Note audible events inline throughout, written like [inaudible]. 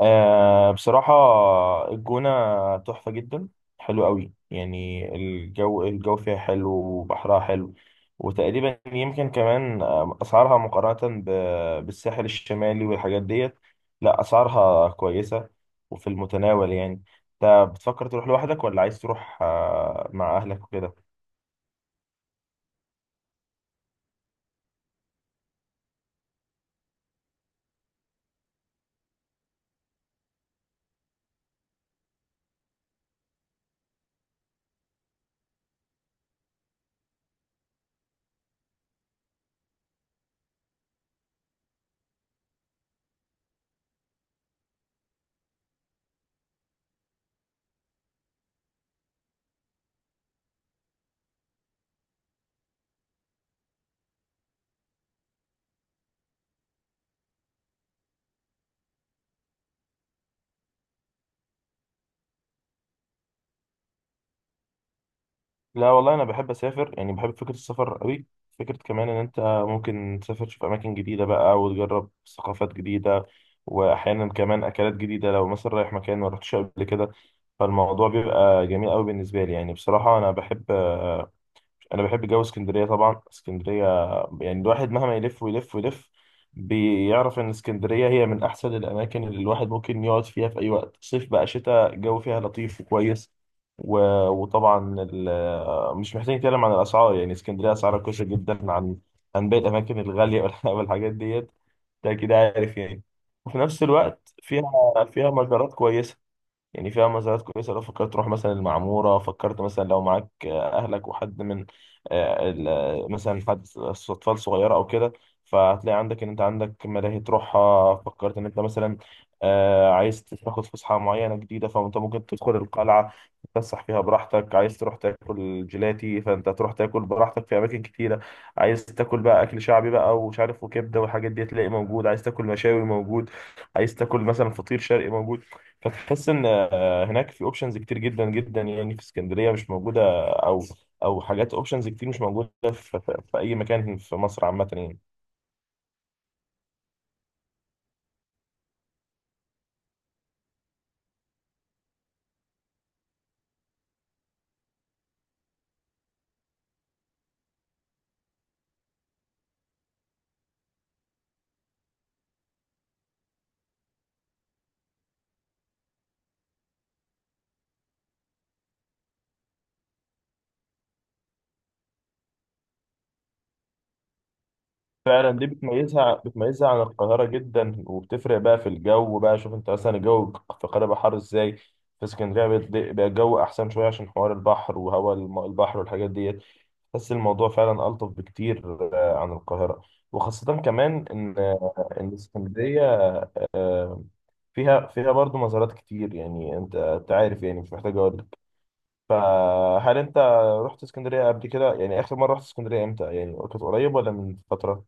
آه، بصراحة الجونة تحفة جدا. حلو قوي يعني الجو فيها حلو وبحرها حلو. وتقريبا يمكن كمان أسعارها مقارنة بالساحل الشمالي والحاجات ديت. لا، أسعارها كويسة وفي المتناول يعني. أنت بتفكر تروح لوحدك ولا عايز تروح مع أهلك وكده؟ لا والله، انا بحب اسافر يعني بحب فكره السفر قوي. فكره كمان ان انت ممكن تسافر تشوف اماكن جديده بقى وتجرب ثقافات جديده. واحيانا كمان اكلات جديده لو مثلا رايح مكان ما رحتش قبل كده. فالموضوع بيبقى جميل قوي بالنسبه لي. يعني بصراحه انا بحب جو اسكندريه. طبعا اسكندريه، يعني الواحد مهما يلف ويلف ويلف بيعرف ان اسكندريه هي من احسن الاماكن اللي الواحد ممكن يقعد فيها في اي وقت. صيف بقى شتاء، الجو فيها لطيف وكويس. و... وطبعا مش محتاج نتكلم عن الاسعار. يعني اسكندريه اسعارها كويسه جدا عن باقي الاماكن الغاليه [laughs] والحاجات ديت. ده كده عارف يعني. وفي نفس الوقت فيها مجارات كويسه، يعني فيها مزارات كويسة. لو فكرت تروح مثلا المعمورة، فكرت مثلا لو معاك أهلك وحد من مثلا أطفال صغيرة أو كده، فهتلاقي عندك إن أنت عندك ملاهي تروحها. فكرت إن أنت مثلا عايز تاخد فسحة معينة جديدة، فأنت ممكن تدخل القلعة تتفسح فيها براحتك. عايز تروح تاكل جيلاتي، فأنت تروح تاكل براحتك في أماكن كتيرة. عايز تاكل بقى أكل شعبي بقى، ومش عارف، وكبدة والحاجات دي تلاقي موجود. عايز تاكل مشاوي، موجود. عايز تاكل مثلا فطير شرقي، موجود. فتحس ان هناك في اوبشنز كتير جدا جدا، يعني في اسكندريه مش موجوده. او او حاجات اوبشنز كتير مش موجوده في اي مكان في مصر عامه يعني. فعلا دي بتميزها عن القاهره جدا، وبتفرق بقى في الجو بقى. شوف انت مثلا الجو في القاهره بقى حر ازاي، في اسكندريه بقى الجو احسن شويه عشان حوار البحر وهواء البحر والحاجات ديت. بس الموضوع فعلا الطف بكتير عن القاهره. وخاصه كمان ان اسكندريه آه، فيها برضو مزارات كتير. يعني انت عارف يعني، مش محتاج اقول لك. فهل انت رحت اسكندريه قبل كده؟ يعني اخر مره رحت اسكندريه امتى؟ يعني كانت قريب ولا من فتره؟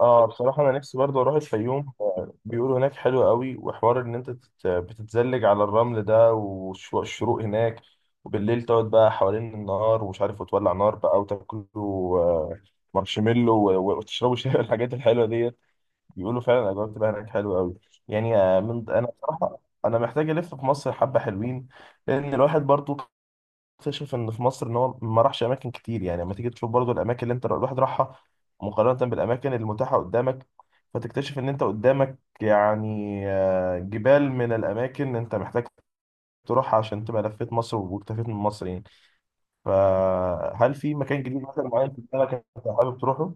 اه، بصراحه انا نفسي برضو اروح الفيوم. بيقولوا هناك حلو قوي، وحوار ان انت بتتزلج على الرمل ده، والشروق هناك. وبالليل تقعد بقى حوالين النار، ومش عارف، وتولع نار بقى وتاكلوا مارشميلو وتشربوا شاي [laughs] الحاجات الحلوه دي. بيقولوا فعلا الاجواء بتبقى هناك حلوه قوي يعني. آه، من انا بصراحه انا محتاج الف في مصر حبه حلوين. لان الواحد برضو اكتشف ان في مصر، ان هو ما راحش اماكن كتير. يعني لما تيجي تشوف برضو الاماكن اللي انت الواحد راحها مقارنه بالاماكن المتاحه قدامك، فتكتشف ان انت قدامك يعني جبال من الاماكن اللي انت محتاج تروحها عشان تبقى لفيت مصر واكتفيت من مصر يعني. فهل في مكان جديد مثلا معين في دماغك انت حابب تروحه؟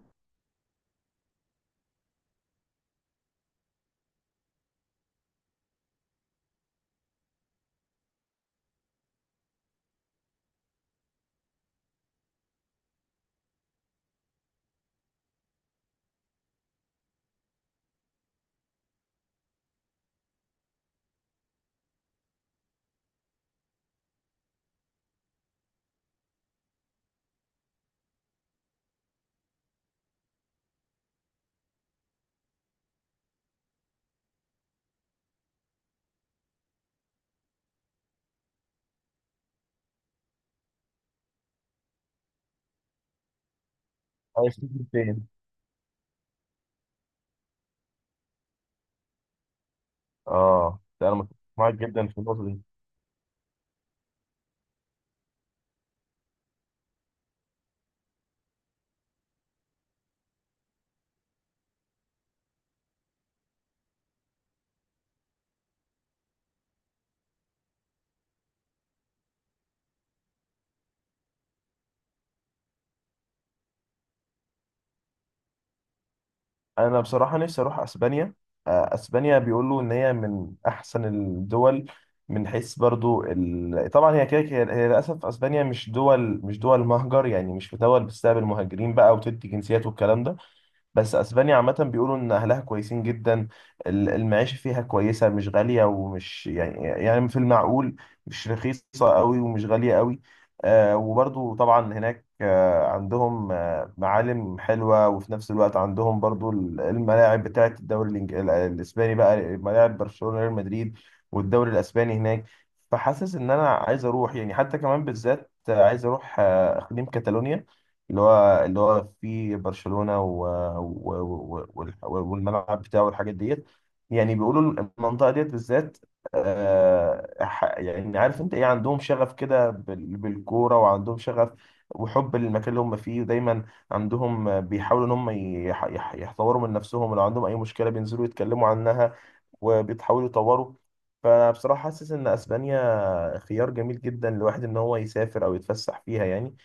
عايز تروح فين؟ اه، ده انا متفق معاك جدا في النقطه دي. انا بصراحه نفسي اروح اسبانيا. اسبانيا بيقولوا ان هي من احسن الدول، من حيث برضو طبعا هي كده، هي للاسف اسبانيا مش دول مهجر. يعني مش في دول بتستقبل مهاجرين بقى وتدي جنسيات والكلام ده. بس اسبانيا عامه بيقولوا ان اهلها كويسين جدا. المعيشه فيها كويسه، مش غاليه ومش يعني في المعقول. مش رخيصه قوي ومش غاليه قوي. وبرضو طبعا هناك عندهم معالم حلوه، وفي نفس الوقت عندهم برضو الملاعب بتاعه الدوري الاسباني بقى، ملاعب برشلونه، ريال مدريد، والدوري الاسباني هناك. فحاسس ان انا عايز اروح، يعني حتى كمان بالذات عايز اروح اقليم كاتالونيا، اللي هو في برشلونة والملعب بتاعه والحاجات ديت. يعني بيقولوا المنطقة ديت بالذات، يعني عارف انت ايه، عندهم شغف كده بالكورة، وعندهم شغف وحب للمكان اللي هم فيه. ودايما عندهم بيحاولوا ان هم يحتوروا من نفسهم، لو عندهم اي مشكلة بينزلوا يتكلموا عنها وبيتحاولوا يطوروا. فبصراحة حاسس ان اسبانيا خيار جميل جدا لواحد ان هو يسافر او يتفسح فيها يعني.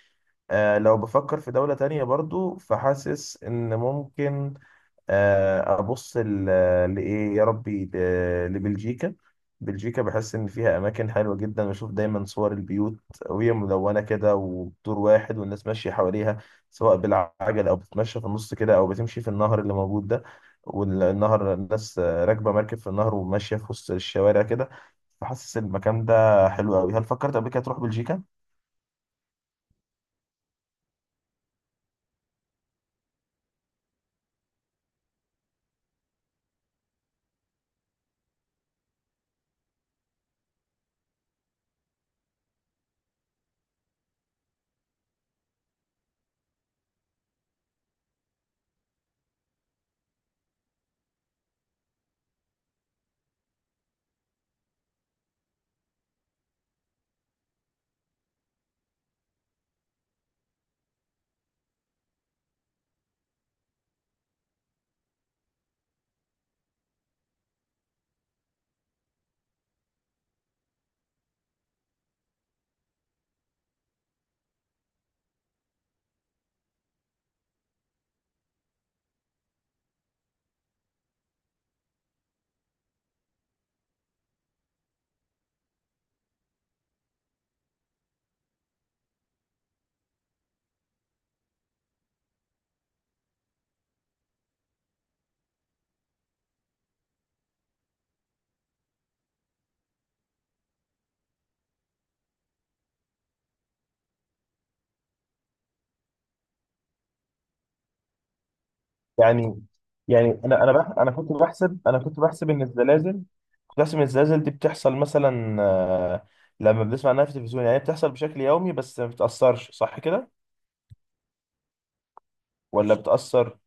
لو بفكر في دولة تانية برضو، فحاسس إن ممكن أبص لإيه يا ربي، لبلجيكا. بلجيكا بحس إن فيها أماكن حلوة جدا. بشوف دايما صور البيوت وهي ملونة كده ودور واحد، والناس ماشية حواليها، سواء بالعجل أو بتتمشى في النص كده، أو بتمشي في النهر اللي موجود ده. والنهر الناس راكبة مركب في النهر وماشية في وسط الشوارع كده. فحاسس المكان ده حلو أوي. هل فكرت قبل كده تروح بلجيكا؟ يعني يعني انا كنت بحسب ان الزلازل كنت بحسب ان الزلازل دي بتحصل مثلا لما بنسمع عنها في التلفزيون، يعني هي بتحصل بشكل يومي بس ما بتأثرش، صح كده؟ ولا بتأثر؟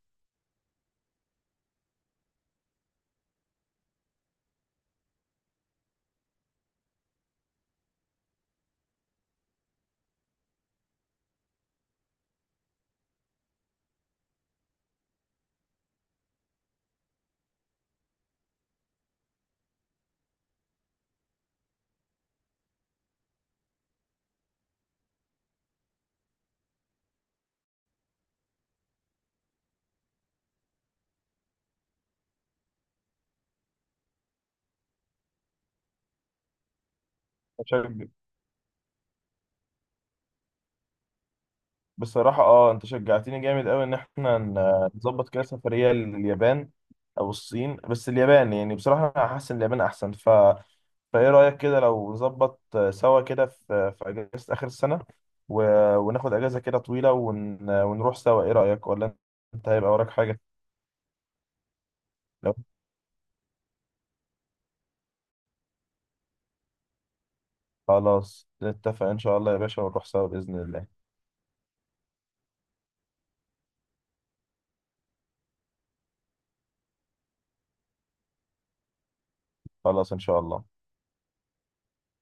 بصراحة، اه، انت شجعتني جامد قوي ان احنا نظبط كده سفرية لليابان. او الصين، بس اليابان، يعني بصراحة انا حاسس ان اليابان احسن. فايه رأيك كده لو نظبط سوا كده في اجازة اخر السنة، و... وناخد اجازة كده طويلة ونروح سوا. ايه رأيك؟ ولا انت هيبقى وراك حاجة؟ لو خلاص نتفق ان شاء الله يا باشا، ونروح سوا بإذن الله. خلاص ان شاء الله.